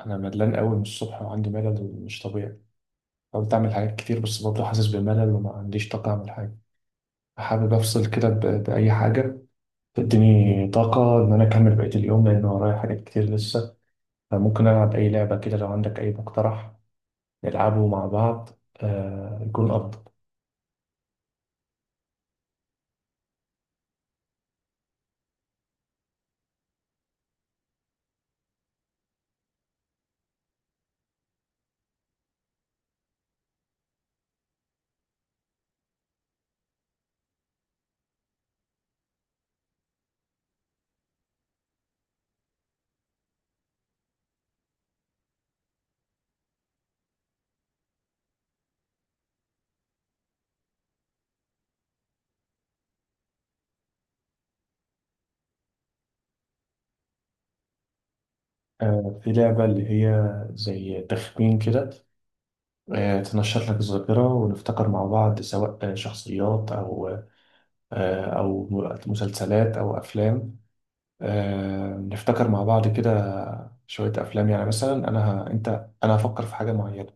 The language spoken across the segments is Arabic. انا ملان قوي من الصبح وعندي ملل مش طبيعي. حاولت اعمل حاجات كتير بس برضه حاسس بملل وما عنديش طاقه اعمل حاجه. حابب افصل كده باي حاجه تديني طاقه ان انا اكمل بقيه اليوم لان ورايا حاجات كتير لسه. فممكن العب اي لعبه كده لو عندك اي مقترح نلعبه مع بعض. آه، يكون افضل. آه، في لعبه اللي هي زي تخمين كده. تنشط لك الذاكرة ونفتكر مع بعض، سواء شخصيات أو أو مسلسلات أو أفلام. نفتكر مع بعض كده شوية أفلام، يعني مثلا أنا ه... أنت أنا هفكر في حاجة معينة،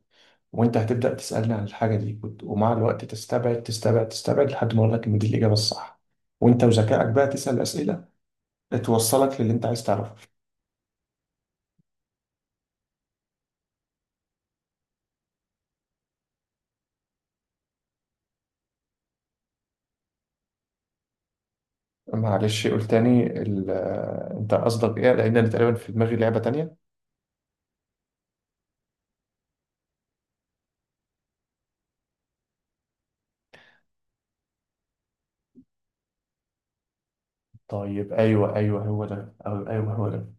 وأنت هتبدأ تسألني عن الحاجة دي ومع الوقت تستبعد لحد ما أقول لك إن دي الإجابة الصح. وأنت وذكائك بقى تسأل أسئلة توصلك للي أنت عايز تعرفه. معلش قول تاني ال... آه، أنت قصدك إيه؟ لأن أنا تقريبا في دماغي لعبة تانية. طيب، أيوه هو ده، أو أيوه هو ده.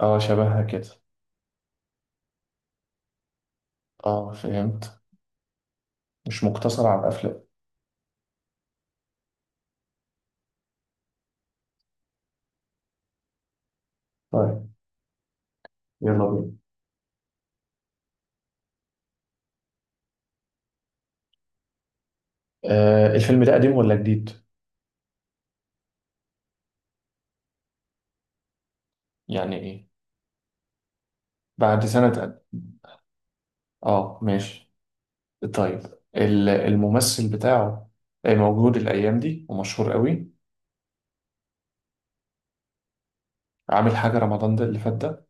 أه، شبهها كده. أه، فهمت. مش مقتصر على الأفلام. طيب يلا بينا. آه، الفيلم ده قديم ولا جديد؟ يعني ايه؟ بعد سنة قد... اه ماشي. طيب، الممثل بتاعه موجود الأيام دي ومشهور قوي؟ عامل حاجة رمضان ده اللي فات ده؟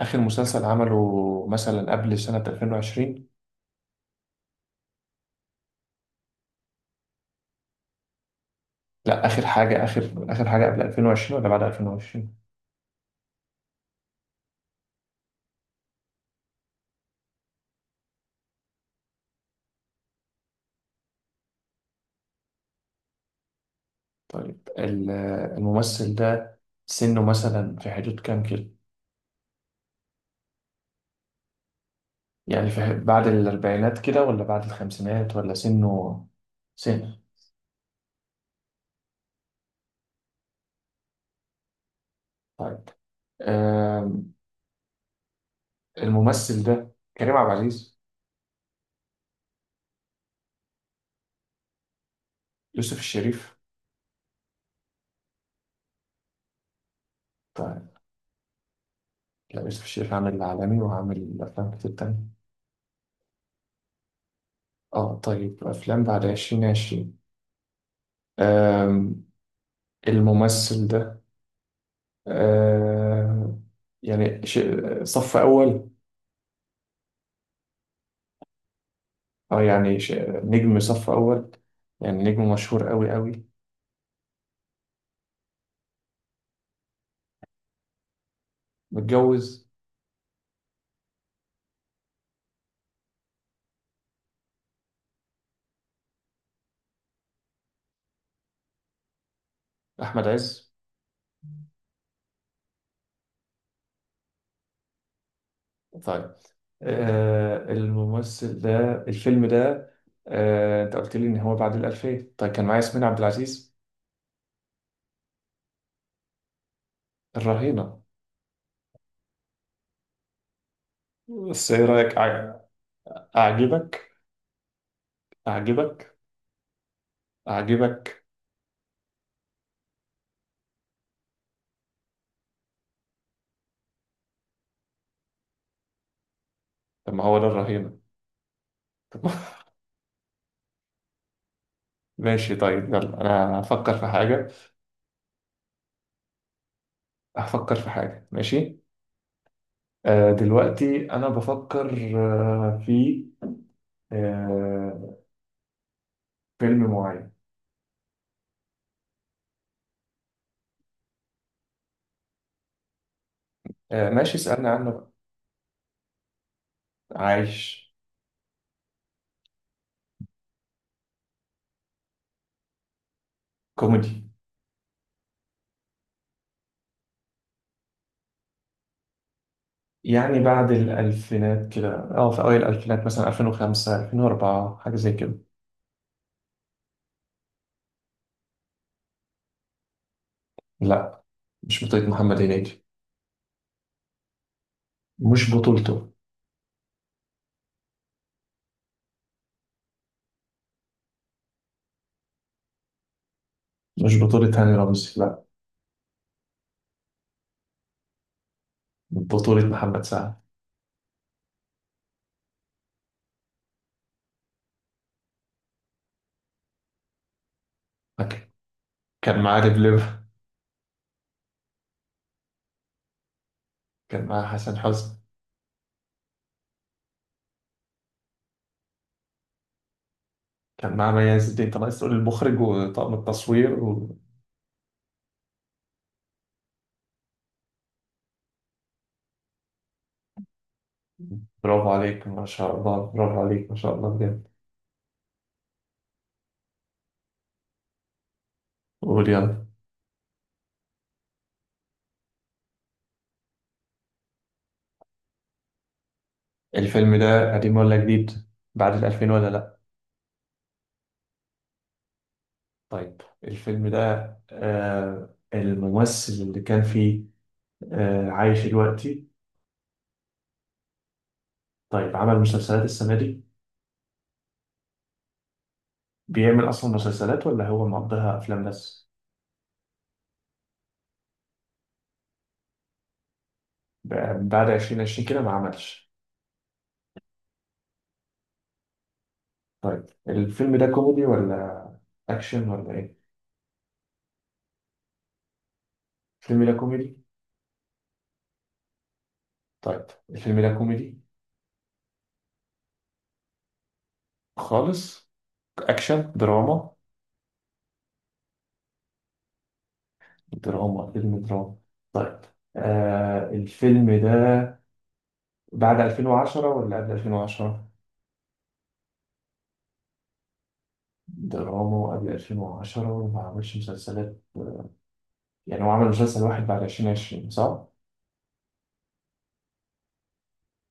آخر مسلسل عمله مثلا قبل سنة 2020؟ لا، آخر حاجة، آخر حاجة قبل 2020 ولا بعد 2020؟ طيب، الممثل ده سنه مثلا في حدود كام كده؟ يعني بعد الأربعينات كده ولا بعد الخمسينات ولا سنه... سنة... طيب الممثل ده كريم عبد العزيز؟ يوسف الشريف؟ طيب، لا يوسف الشريف عامل العالمي وعامل أفلام كتير تانية. اه طيب، أفلام بعد عشرين عشرين. آم، الممثل ده، آم، يعني صف أول؟ اه يعني نجم صف أول، يعني نجم مشهور أوي أوي؟ متجوز؟ أحمد عز؟ طيب، آه الممثل ده، الفيلم ده، آه أنت قلت لي إن هو بعد الألفية. طيب، كان معايا ياسمين عبد العزيز؟ الرهينة؟ بس ايه رأيك؟ أعجبك؟ أعجبك؟ أعجبك؟ طب ما هو ده الرهينة. طب ماشي، طيب يلا أنا هفكر في حاجة. هفكر في حاجة. ماشي، آه دلوقتي أنا بفكر، في آه فيلم معين. آه، ماشي اسألني عنه بقى. عايش. كوميدي. يعني بعد الألفينات كده، أه في أوائل الألفينات مثلا 2005 2004 حاجة زي كده. لا، مش بطولة محمد هنيدي. مش بطولته. مش بطولة هاني رمزي. بطولة محمد سعد. فك- كان معاه لبلبة. كان معاه حسن حسني. كان معاه مي عز الدين. طب عايز تقول المخرج وطاقم التصوير و... برافو عليك ما شاء الله، برافو عليك ما شاء الله بجد. قول يلا. الفيلم ده قديم ولا جديد؟ بعد الألفين ولا لأ؟ طيب الفيلم ده، الممثل اللي كان فيه عايش دلوقتي؟ طيب عمل مسلسلات السنة دي؟ بيعمل أصلا مسلسلات ولا هو مقضيها أفلام بس؟ بعد 2020 كده ما عملش؟ طيب الفيلم ده كوميدي ولا اكشن ولا ايه؟ الفيلم ده كوميدي. طيب الفيلم ده كوميدي خالص؟ اكشن، دراما؟ دراما، فيلم دراما. طيب، آه الفيلم ده بعد 2010 ولا قبل 2010؟ دراما وقبل 2010 وما عملش مسلسلات، يعني هو عمل مسلسل واحد بعد 2020 صح؟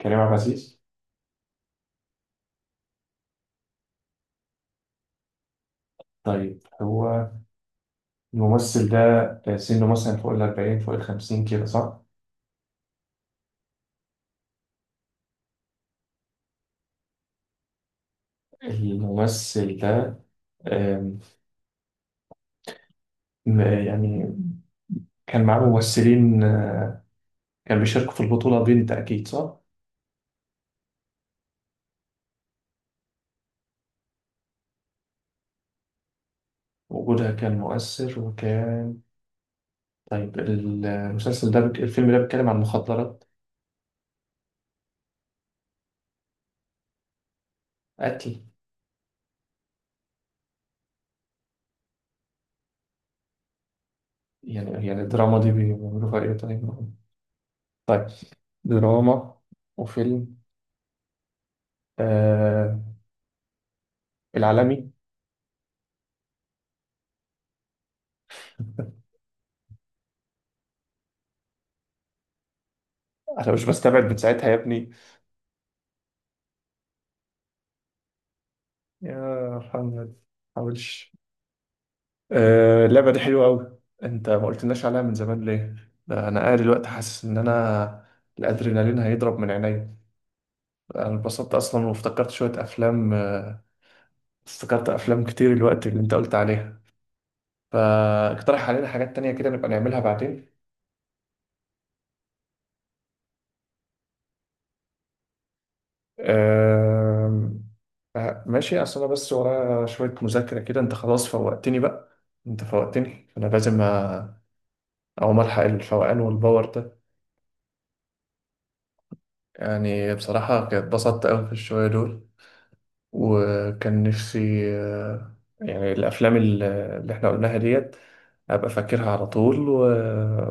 كريم عبد العزيز؟ طيب هو الممثل ده، سنه مثلا فوق ال 40، فوق ال 50 كده صح؟ الممثل ده يعني كان معاه ممثلين، كان بيشاركوا في البطولة بنت أكيد صح؟ وجودها كان مؤثر وكان... طيب المسلسل ده الفيلم ده بيتكلم عن مخدرات؟ قتل؟ يعني الدراما دي بيعملوا فيها إيه طيب؟ طيب، دراما وفيلم آه... العالمي. أنا مش بستبعد من ساعتها يا ابني. يا محمد ما تحاولش. اللعبة دي حلوة أوي، أنت ما قلتلناش عليها من زمان ليه؟ ده أنا قاعد دلوقتي حاسس إن أنا الأدرينالين هيضرب من عينيا. أنا اتبسطت أصلا وافتكرت شوية أفلام. افتكرت أفلام كتير الوقت اللي أنت قلت عليها. فاقترح علينا حاجات تانية كده نبقى نعملها بعدين. آم، آه، ماشي، أصل أنا بس ورايا شوية مذاكرة كده. أنت خلاص فوقتني بقى، أنت فوقتني، أنا لازم أقوم ألحق الفوقان والباور ده. يعني بصراحة كانت اتبسطت أوي في الشوية دول، وكان نفسي يعني الأفلام اللي احنا قلناها ديت أبقى فاكرها على طول و...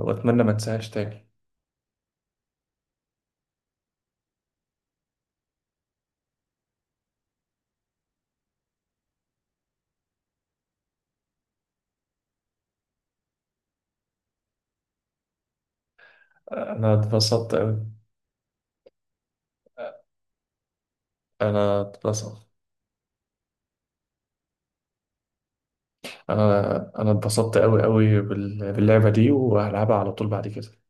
وأتمنى ما انساهاش تاني. أنا اتبسطت أوي. أنا اتبسطت. أنا اتبسطت أوي أوي باللعبة دي وهلعبها على طول بعد كده.